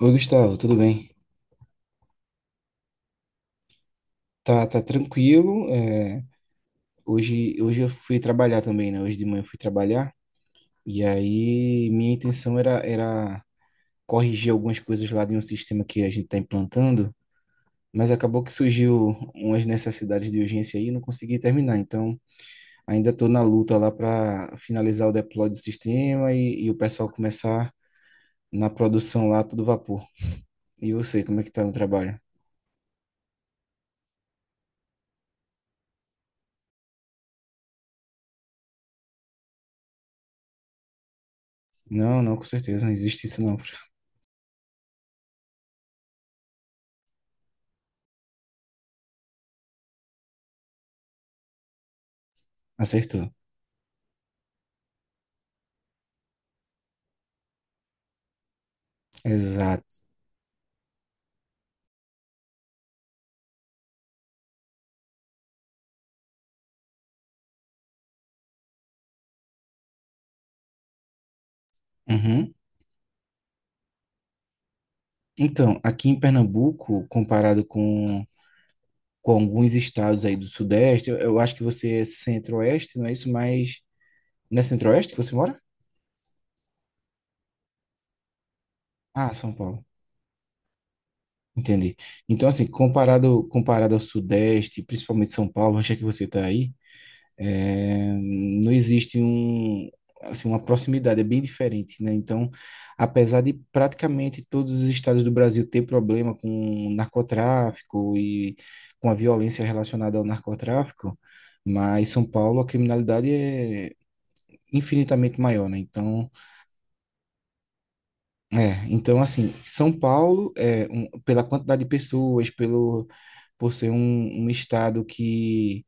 Oi, Gustavo, tudo bem? Tá, tá tranquilo. Hoje, hoje eu fui trabalhar também, né? Hoje de manhã eu fui trabalhar. E aí, minha intenção era corrigir algumas coisas lá de um sistema que a gente está implantando, mas acabou que surgiu umas necessidades de urgência aí e não consegui terminar. Então, ainda estou na luta lá para finalizar o deploy do sistema e o pessoal começar na produção lá, tudo vapor. E você, como é que tá no trabalho? Não, não, com certeza, não existe isso não. Acertou. Exato. Uhum. Então, aqui em Pernambuco, comparado com alguns estados aí do Sudeste, eu acho que você é centro-oeste, não é isso? Mas não é centro-oeste que você mora? Ah, São Paulo. Entendi. Então, assim, comparado ao Sudeste, principalmente São Paulo, onde é que você está aí? É, não existe um, assim, uma proximidade, é bem diferente, né? Então, apesar de praticamente todos os estados do Brasil ter problema com o narcotráfico e com a violência relacionada ao narcotráfico, mas São Paulo a criminalidade é infinitamente maior, né? Então, então assim, São Paulo é pela quantidade de pessoas, pelo por ser um, um estado que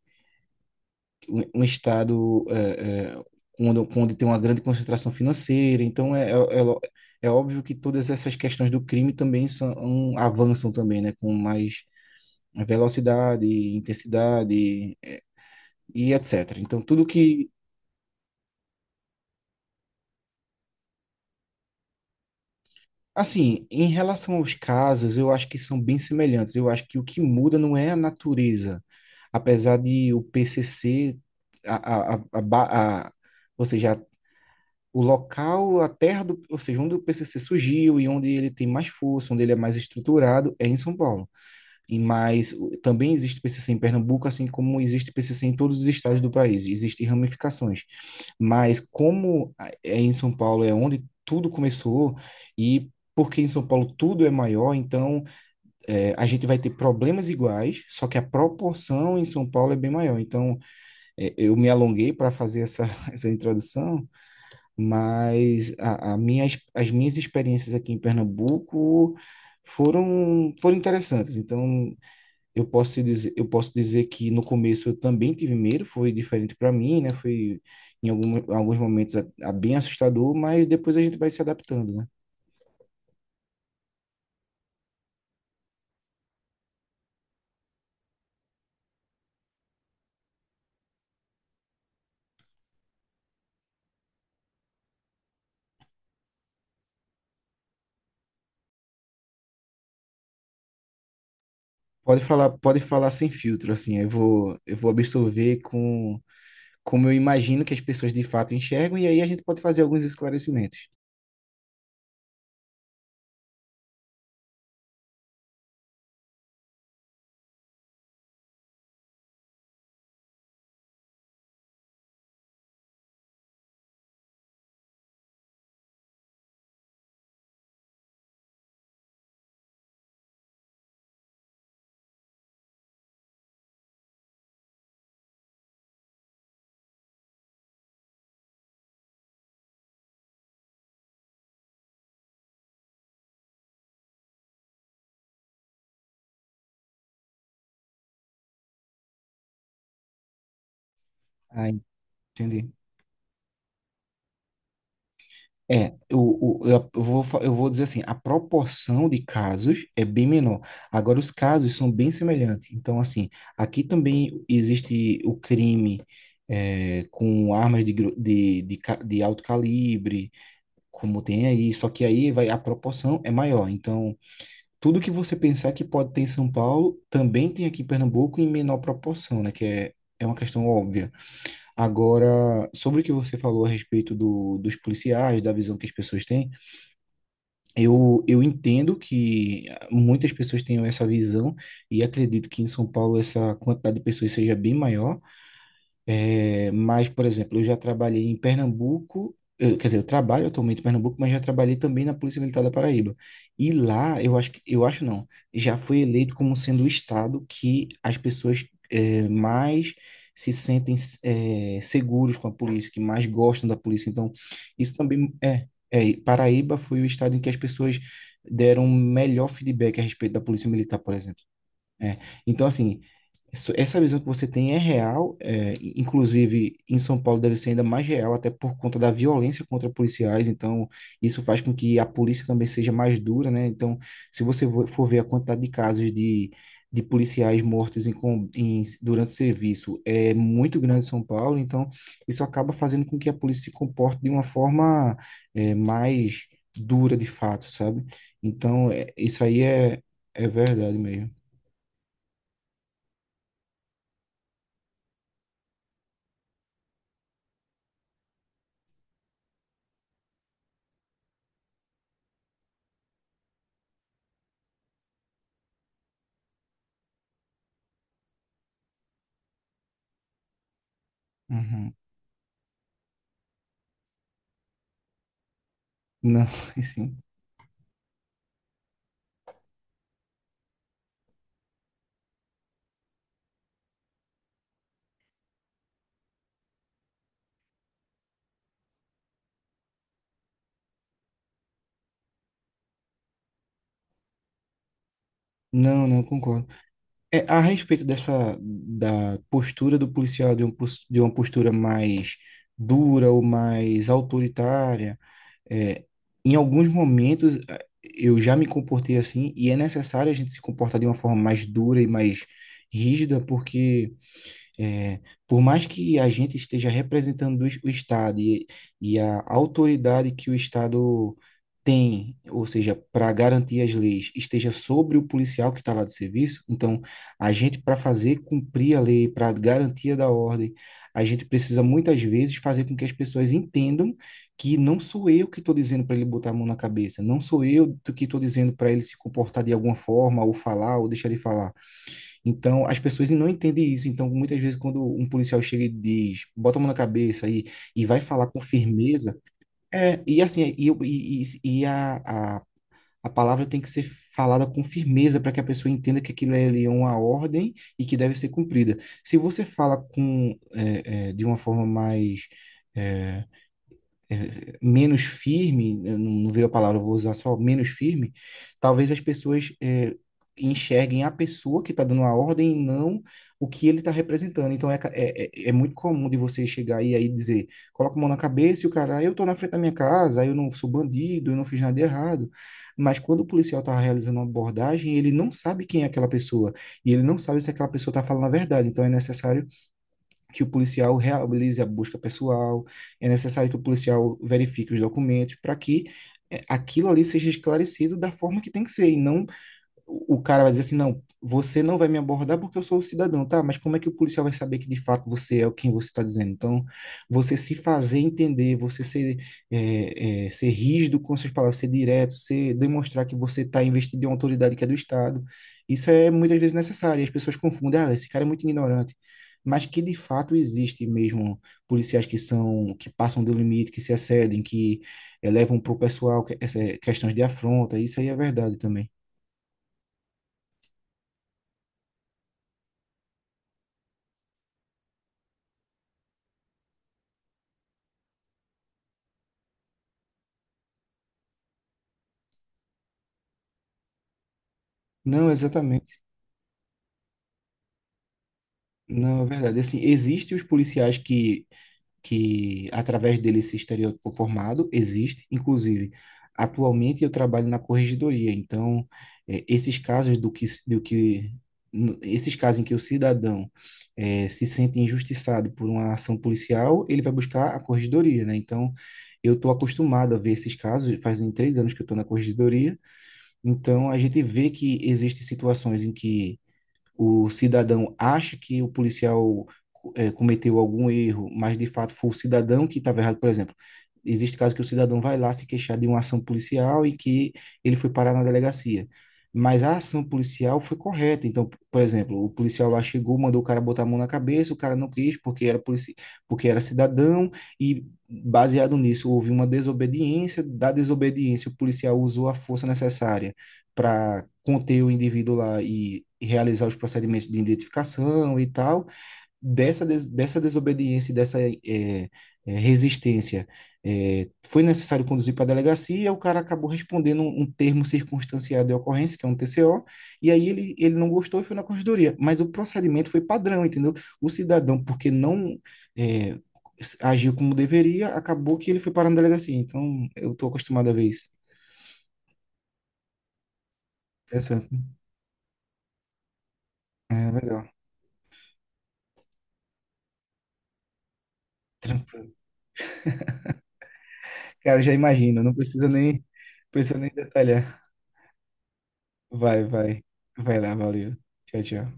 um estado onde tem uma grande concentração financeira. Então, é lo- é óbvio que todas essas questões do crime também avançam também, né? Com mais velocidade, intensidade e etc. Então, tudo que... Assim, em relação aos casos, eu acho que são bem semelhantes. Eu acho que o que muda não é a natureza. Apesar de o PCC... A, a, a, a, ba- a, ou seja, o local, a terra do, ou seja, onde o PCC surgiu e onde ele tem mais força, onde ele é mais estruturado, é em São Paulo. E mais, também existe PCC em Pernambuco, assim como existe PCC em todos os estados do país. Existem ramificações, mas em São Paulo é onde tudo começou e porque em São Paulo tudo é maior, então a gente vai ter problemas iguais, só que a proporção em São Paulo é bem maior. Então, eu me alonguei para fazer essa, essa introdução, mas as minhas experiências aqui em Pernambuco foram, foram interessantes. Então, eu posso te dizer, eu posso dizer que no começo eu também tive medo, foi diferente para mim, né? Foi em alguns momentos a bem assustador, mas depois a gente vai se adaptando, né? Pode falar sem filtro, assim, eu vou absorver como eu imagino que as pessoas de fato enxergam, e aí a gente pode fazer alguns esclarecimentos. Ah, entendi. É, o, eu vou, fa- eu vou dizer assim, a proporção de casos é bem menor. Agora, os casos são bem semelhantes. Então, assim, aqui também existe o crime com armas de, gru- de, ca- de alto calibre, como tem aí, só que aí vai, a proporção é maior. Então, tudo que você pensar que pode ter em São Paulo, também tem aqui em Pernambuco em menor proporção, né? Que é, é uma questão óbvia. Agora, sobre o que você falou a respeito dos policiais, da visão que as pessoas têm, eu entendo que muitas pessoas tenham essa visão e acredito que em São Paulo essa quantidade de pessoas seja bem maior, mas, por exemplo, eu já trabalhei em Pernambuco, quer dizer, eu trabalho atualmente em Pernambuco, mas já trabalhei também na Polícia Militar da Paraíba. E lá, eu acho que, eu acho não, já foi eleito como sendo o estado que as pessoas mais se sentem seguros com a polícia, que mais gostam da polícia. Então, isso também e Paraíba foi o estado em que as pessoas deram um melhor feedback a respeito da Polícia Militar, por exemplo. É. Então, assim, essa visão que você tem é real, inclusive em São Paulo deve ser ainda mais real, até por conta da violência contra policiais, então isso faz com que a polícia também seja mais dura, né? Então, se você for ver a quantidade de casos de policiais mortos durante serviço, é muito grande em São Paulo, então isso acaba fazendo com que a polícia se comporte de uma forma, mais dura de fato, sabe? Então, isso aí é verdade mesmo. Uhum. Não, sim. Não, não, concordo. É, a respeito dessa da postura do policial, de uma postura mais dura ou mais autoritária, é, em alguns momentos eu já me comportei assim e é necessário a gente se comportar de uma forma mais dura e mais rígida, porque é, por mais que a gente esteja representando o Estado e a autoridade que o Estado tem, ou seja, para garantir as leis, esteja sobre o policial que está lá de serviço, então a gente, para fazer cumprir a lei, para garantia da ordem, a gente precisa muitas vezes fazer com que as pessoas entendam que não sou eu que estou dizendo para ele botar a mão na cabeça, não sou eu que estou dizendo para ele se comportar de alguma forma, ou falar, ou deixar de falar, então, as pessoas não entendem isso. Então, muitas vezes, quando um policial chega e diz, bota a mão na cabeça e vai falar com firmeza, é, e assim, e, eu- e a, a palavra tem que ser falada com firmeza para que a pessoa entenda que aquilo é ali é uma ordem e que deve ser cumprida. Se você fala com, de uma forma mais. é, menos firme, eu não veio a palavra, eu vou usar só menos firme, talvez as pessoas enxerguem a pessoa que está dando a ordem e não o que ele está representando. Então é muito comum de você chegar aí e dizer, coloca a mão na cabeça e o cara, "Ah, eu estou na frente da minha casa, eu não sou bandido, eu não fiz nada de errado." Mas quando o policial está realizando uma abordagem, ele não sabe quem é aquela pessoa e ele não sabe se aquela pessoa está falando a verdade. Então é necessário que o policial realize a busca pessoal, é necessário que o policial verifique os documentos para que aquilo ali seja esclarecido da forma que tem que ser, e não o cara vai dizer assim, não, você não vai me abordar porque eu sou um cidadão, tá? Mas como é que o policial vai saber que de fato você é o quem você está dizendo? Então, você se fazer entender, você ser, ser rígido com suas palavras, ser direto, ser, demonstrar que você está investido em uma autoridade que é do Estado, isso é muitas vezes necessário. E as pessoas confundem, ah, esse cara é muito ignorante. Mas que de fato existe mesmo policiais que são, que passam do limite, que se excedem, que levam para o pessoal questões de afronta, isso aí é verdade também. Não, exatamente. Não, é verdade. Assim, existem os policiais que através dele esse estereótipo formado, existe. Inclusive, atualmente eu trabalho na corregedoria, então esses casos esses casos em que o cidadão se sente injustiçado por uma ação policial, ele vai buscar a corregedoria, né? Então, eu estou acostumado a ver esses casos, fazem 3 anos que eu estou na corregedoria, então a gente vê que existem situações em que o cidadão acha que o policial cometeu algum erro, mas de fato foi o cidadão que estava errado, por exemplo. Existe caso que o cidadão vai lá se queixar de uma ação policial e que ele foi parar na delegacia. Mas a ação policial foi correta. Então, por exemplo, o policial lá chegou, mandou o cara botar a mão na cabeça, o cara não quis porque era polici... porque era cidadão e baseado nisso houve uma desobediência, da desobediência o policial usou a força necessária para conter o indivíduo lá e realizar os procedimentos de identificação e tal, dessa desobediência e dessa resistência, foi necessário conduzir para a delegacia, o cara acabou respondendo um termo circunstanciado de ocorrência, que é um TCO, e aí ele não gostou e foi na corregedoria. Mas o procedimento foi padrão, entendeu? O cidadão, porque não é, agiu como deveria, acabou que ele foi parar na delegacia. Então, eu estou acostumado a ver isso. Interessante. É, legal. Tranquilo. Cara, já imagino, não precisa nem, precisa nem detalhar. Vai, vai. Vai lá, valeu. Tchau, tchau.